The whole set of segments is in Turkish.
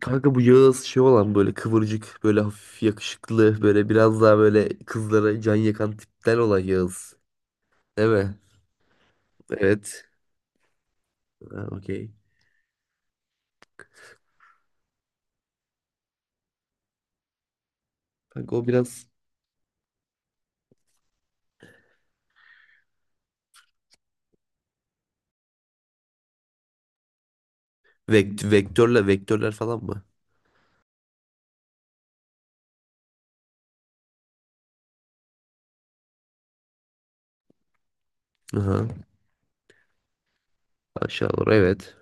Kanka bu Yağız şey olan böyle kıvırcık, böyle hafif yakışıklı, böyle biraz daha böyle kızlara can yakan tipten olan Yağız. Değil mi? Evet. Ha, okey. Kanka o biraz vektörle vektörler falan mı? Aha. Aşağı doğru, evet.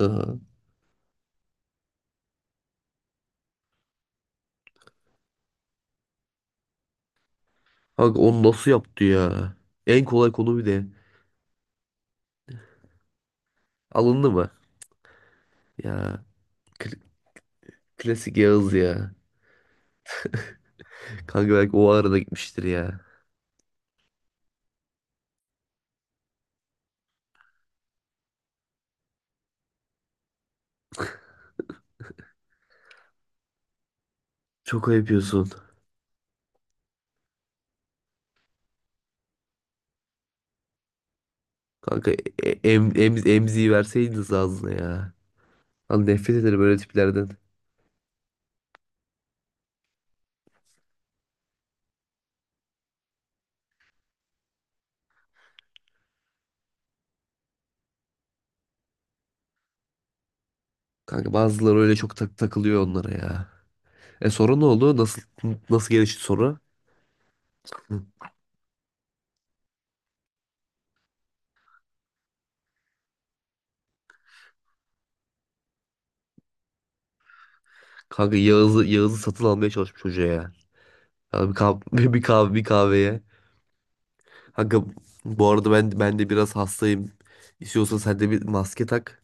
Aha. Kanka onu nasıl yaptı ya? En kolay konu bir de. Alındı mı? Ya kl- klasik Yağız ya. Kanka belki o arada gitmiştir ya. Çok ayıp yapıyorsun. Kanka emziği verseydiniz ağzına ya. Lan nefret ederim öyle tiplerden. Kanka bazıları öyle çok takılıyor onlara ya. E, sonra ne oldu? Nasıl gelişti sonra? Hı. Kanka Yağız'ı satın almaya çalışmış hoca ya. Ya bir kahve, bir kahve, bir kahveye. Kanka bu arada ben de biraz hastayım. İstiyorsan sen de bir maske tak.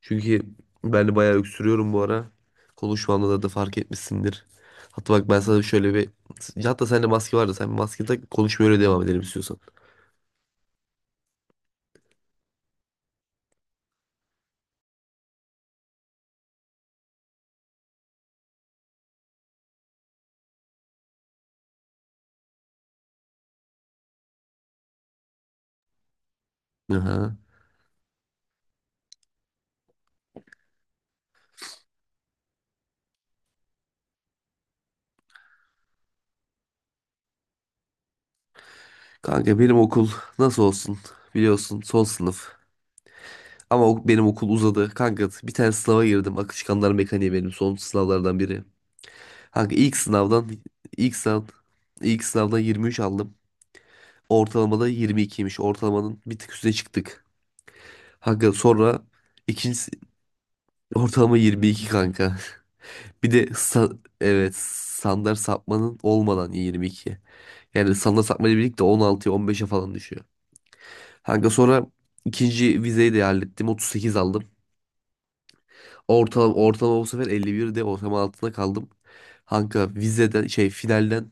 Çünkü ben de bayağı öksürüyorum bu ara. Konuşmamda da fark etmişsindir. Hatta bak, ben sana şöyle bir... Hatta sende maske vardı. Sen bir maske tak, konuşmaya öyle devam edelim istiyorsan. Aha. Kanka benim okul nasıl olsun, biliyorsun, son sınıf. Ama benim okul uzadı. Kanka bir tane sınava girdim. Akışkanlar mekaniği benim son sınavlardan biri. Kanka ilk sınav ilk sınavdan 23 aldım. Ortalamada 22'ymiş. Ortalamanın bir tık üstüne çıktık. Kanka sonra ikinci ortalama 22 kanka. Bir de evet, standart sapmanın olmadan 22. Yani standart sapmayla birlikte 16'ya 15'e falan düşüyor. Kanka sonra ikinci vizeyi de hallettim. 38 aldım. Ortalama bu sefer 51 de ortalama altında kaldım. Kanka vizeden şey finalden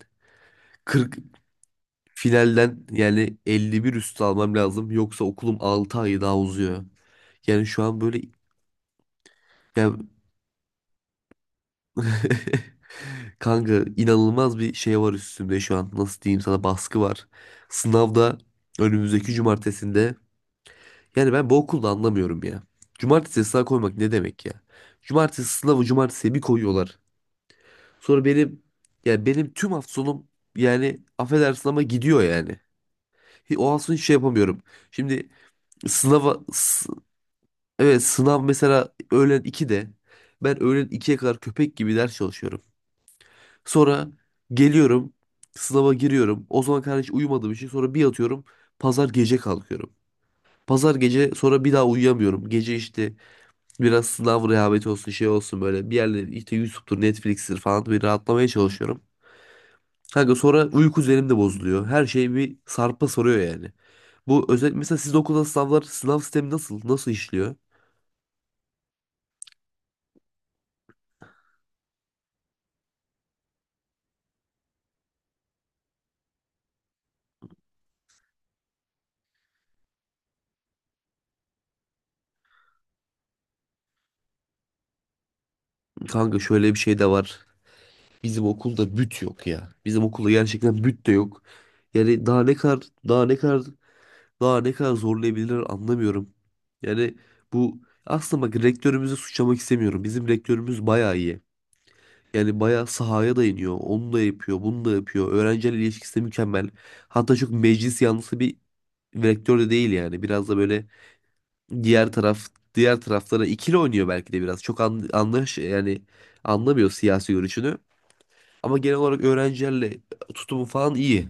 40, finalden yani 51 üstü almam lazım. Yoksa okulum 6 ay daha uzuyor. Yani şu an böyle yani kanka inanılmaz bir şey var üstümde şu an. Nasıl diyeyim sana, baskı var. Sınavda önümüzdeki cumartesinde. Yani ben bu okulda anlamıyorum ya. Cumartesi sınav koymak ne demek ya? Cumartesi sınavı cumartesiye bir koyuyorlar. Sonra benim yani benim tüm hafta sonum, yani affedersin ama gidiyor yani. O hafta sonu hiç şey yapamıyorum. Şimdi sınava evet, sınav mesela öğlen 2'de, ben öğlen 2'ye kadar köpek gibi ders çalışıyorum. Sonra geliyorum, sınava giriyorum. O zaman kadar hiç uyumadığım için sonra bir yatıyorum. Pazar gece kalkıyorum. Pazar gece sonra bir daha uyuyamıyorum. Gece işte biraz sınav rehaveti olsun, şey olsun, böyle bir yerleri işte YouTube'dur, Netflix'tir falan bir rahatlamaya çalışıyorum. Kanka sonra uyku üzerim de bozuluyor. Her şey bir sarpa soruyor yani. Bu özellikle mesela sizin okulda sınavlar sınav sistemi nasıl işliyor? Kanka şöyle bir şey de var. Bizim okulda büt yok ya. Bizim okulda gerçekten büt de yok. Yani daha ne kadar daha ne kadar zorlayabilirler anlamıyorum. Yani bu, aslında bak, rektörümüzü suçlamak istemiyorum. Bizim rektörümüz bayağı iyi. Yani bayağı sahaya da iniyor. Onu da yapıyor, bunu da yapıyor. Öğrencilerle ilişkisi de mükemmel. Hatta çok meclis yanlısı bir vektör de değil yani. Biraz da böyle diğer taraf diğer taraflara ikili oynuyor belki de biraz. Çok an, anlaş yani anlamıyor siyasi görüşünü. Ama genel olarak öğrencilerle tutumu falan iyi.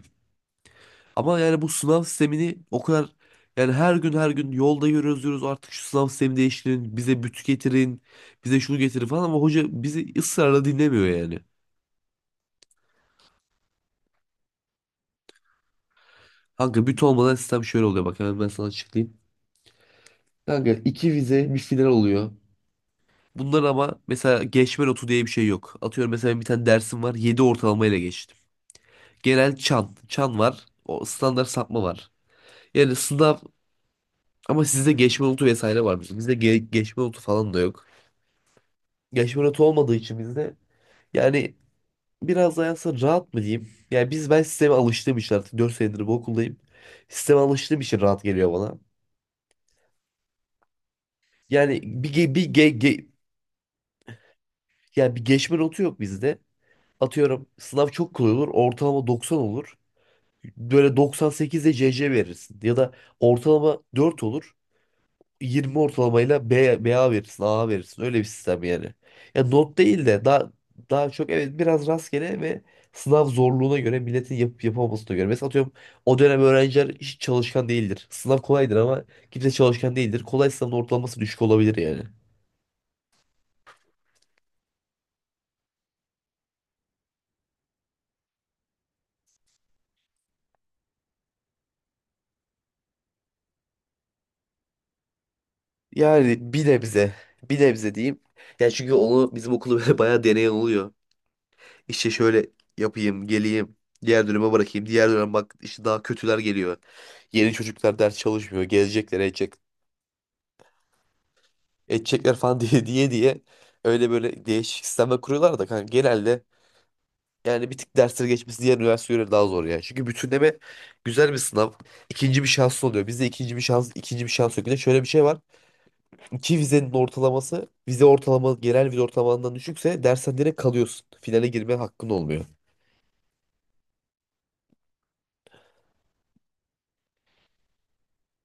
Ama yani bu sınav sistemini o kadar yani her gün her gün yolda yürüyoruz diyoruz, artık şu sınav sistemi değiştirin, bize bütü getirin, bize şunu getirin falan, ama hoca bizi ısrarla dinlemiyor yani. Kanka büt olmadan sistem şöyle oluyor, bak hemen ben sana açıklayayım. Kanka iki vize bir final oluyor. Bunlar ama mesela geçme notu diye bir şey yok. Atıyorum mesela bir tane dersim var, 7 ortalamayla geçtim. Genel çan. Çan var. O standart sapma var. Yani sınav, ama sizde geçme notu vesaire var. Bizde geçme notu falan da yok. Geçme notu olmadığı için bizde yani biraz daha aslında rahat mı diyeyim. Yani ben sisteme alıştığım için artık 4 senedir bu okuldayım. Sisteme alıştığım için rahat geliyor bana. Yani bir, ge- bir ge- ge- Yani bir geçme notu yok bizde. Atıyorum sınav çok kolay olur. Ortalama 90 olur. Böyle 98'de CC verirsin. Ya da ortalama 4 olur. 20 ortalamayla B, BA verirsin. AA verirsin. Öyle bir sistem yani. Ya not değil de daha çok, evet, biraz rastgele ve sınav zorluğuna göre, milletin yapıp yapamamasına göre. Mesela atıyorum o dönem öğrenciler hiç çalışkan değildir. Sınav kolaydır ama kimse çalışkan değildir. Kolay sınavın ortalaması düşük olabilir yani. Yani bir nebze. Bir nebze diyeyim. Yani çünkü onu bizim okulda böyle bayağı deneyen oluyor. İşte şöyle yapayım, geleyim. Diğer döneme bırakayım. Diğer dönem bak işte daha kötüler geliyor. Yeni çocuklar ders çalışmıyor. Gezecekler, edecek, edecekler falan diye diye diye. Öyle böyle değişik sistemler kuruyorlar da kanka genelde yani bir tık dersleri geçmesi diğer üniversitelere daha zor ya. Çünkü bütünleme güzel bir sınav. İkinci bir şans oluyor. Bizde ikinci bir şans, ikinci bir şans yok. Bir de şöyle bir şey var. İki vizenin ortalaması, vize ortalama genel vize ortalamandan düşükse dersen direkt kalıyorsun. Finale girme hakkın olmuyor.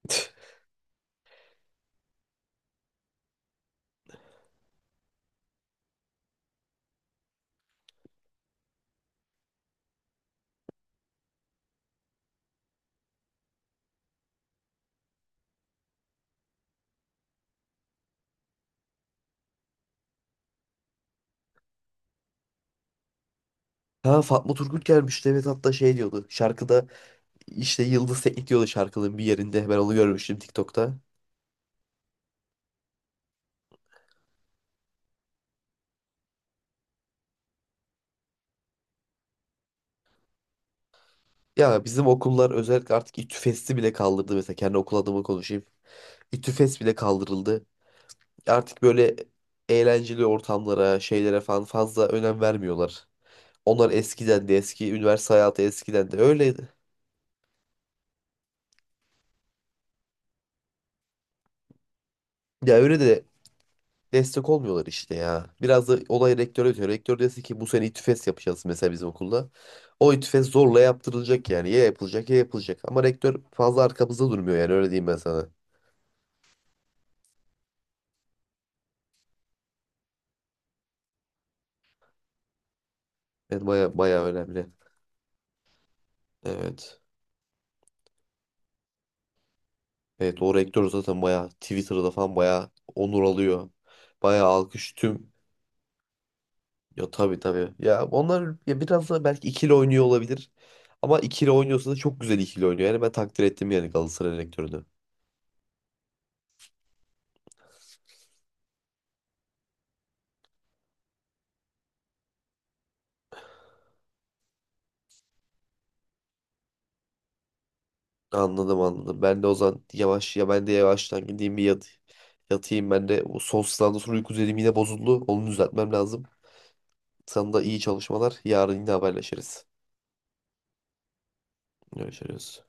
Ha, Fatma Turgut gelmişti, evet, hatta şey diyordu şarkıda, işte Yıldız Teknik diyordu şarkının bir yerinde, ben onu görmüştüm TikTok'ta. Ya bizim okullar özellikle artık İTÜFES'i bile kaldırdı mesela, kendi okul adıma konuşayım. İTÜFES bile kaldırıldı. Artık böyle eğlenceli ortamlara, şeylere falan fazla önem vermiyorlar. Onlar eskiden de üniversite hayatı eskiden de öyleydi. Ya öyle de destek olmuyorlar işte ya. Biraz da olay rektöre ötüyor. Rektör dese ki bu sene İTÜFES yapacağız mesela bizim okulda. O İTÜFES zorla yaptırılacak yani. Ya yapılacak ya yapılacak. Ama rektör fazla arkamızda durmuyor yani, öyle diyeyim ben sana. Evet, baya baya önemli. Evet. Evet, o rektör zaten baya Twitter'da falan baya onur alıyor. Baya alkış tüm. Ya tabii, tabii. Ya onlar ya, biraz da belki ikili oynuyor olabilir. Ama ikili oynuyorsa da çok güzel ikili oynuyor. Yani ben takdir ettim yani Galatasaray rektörünü. Anladım, anladım. Ben de o zaman yavaş ya, ben de yavaştan gideyim bir yatayım. Ben de bu son sınavdan sonra uyku düzenim yine bozuldu. Onu düzeltmem lazım. Sana da iyi çalışmalar. Yarın yine haberleşiriz. Görüşürüz.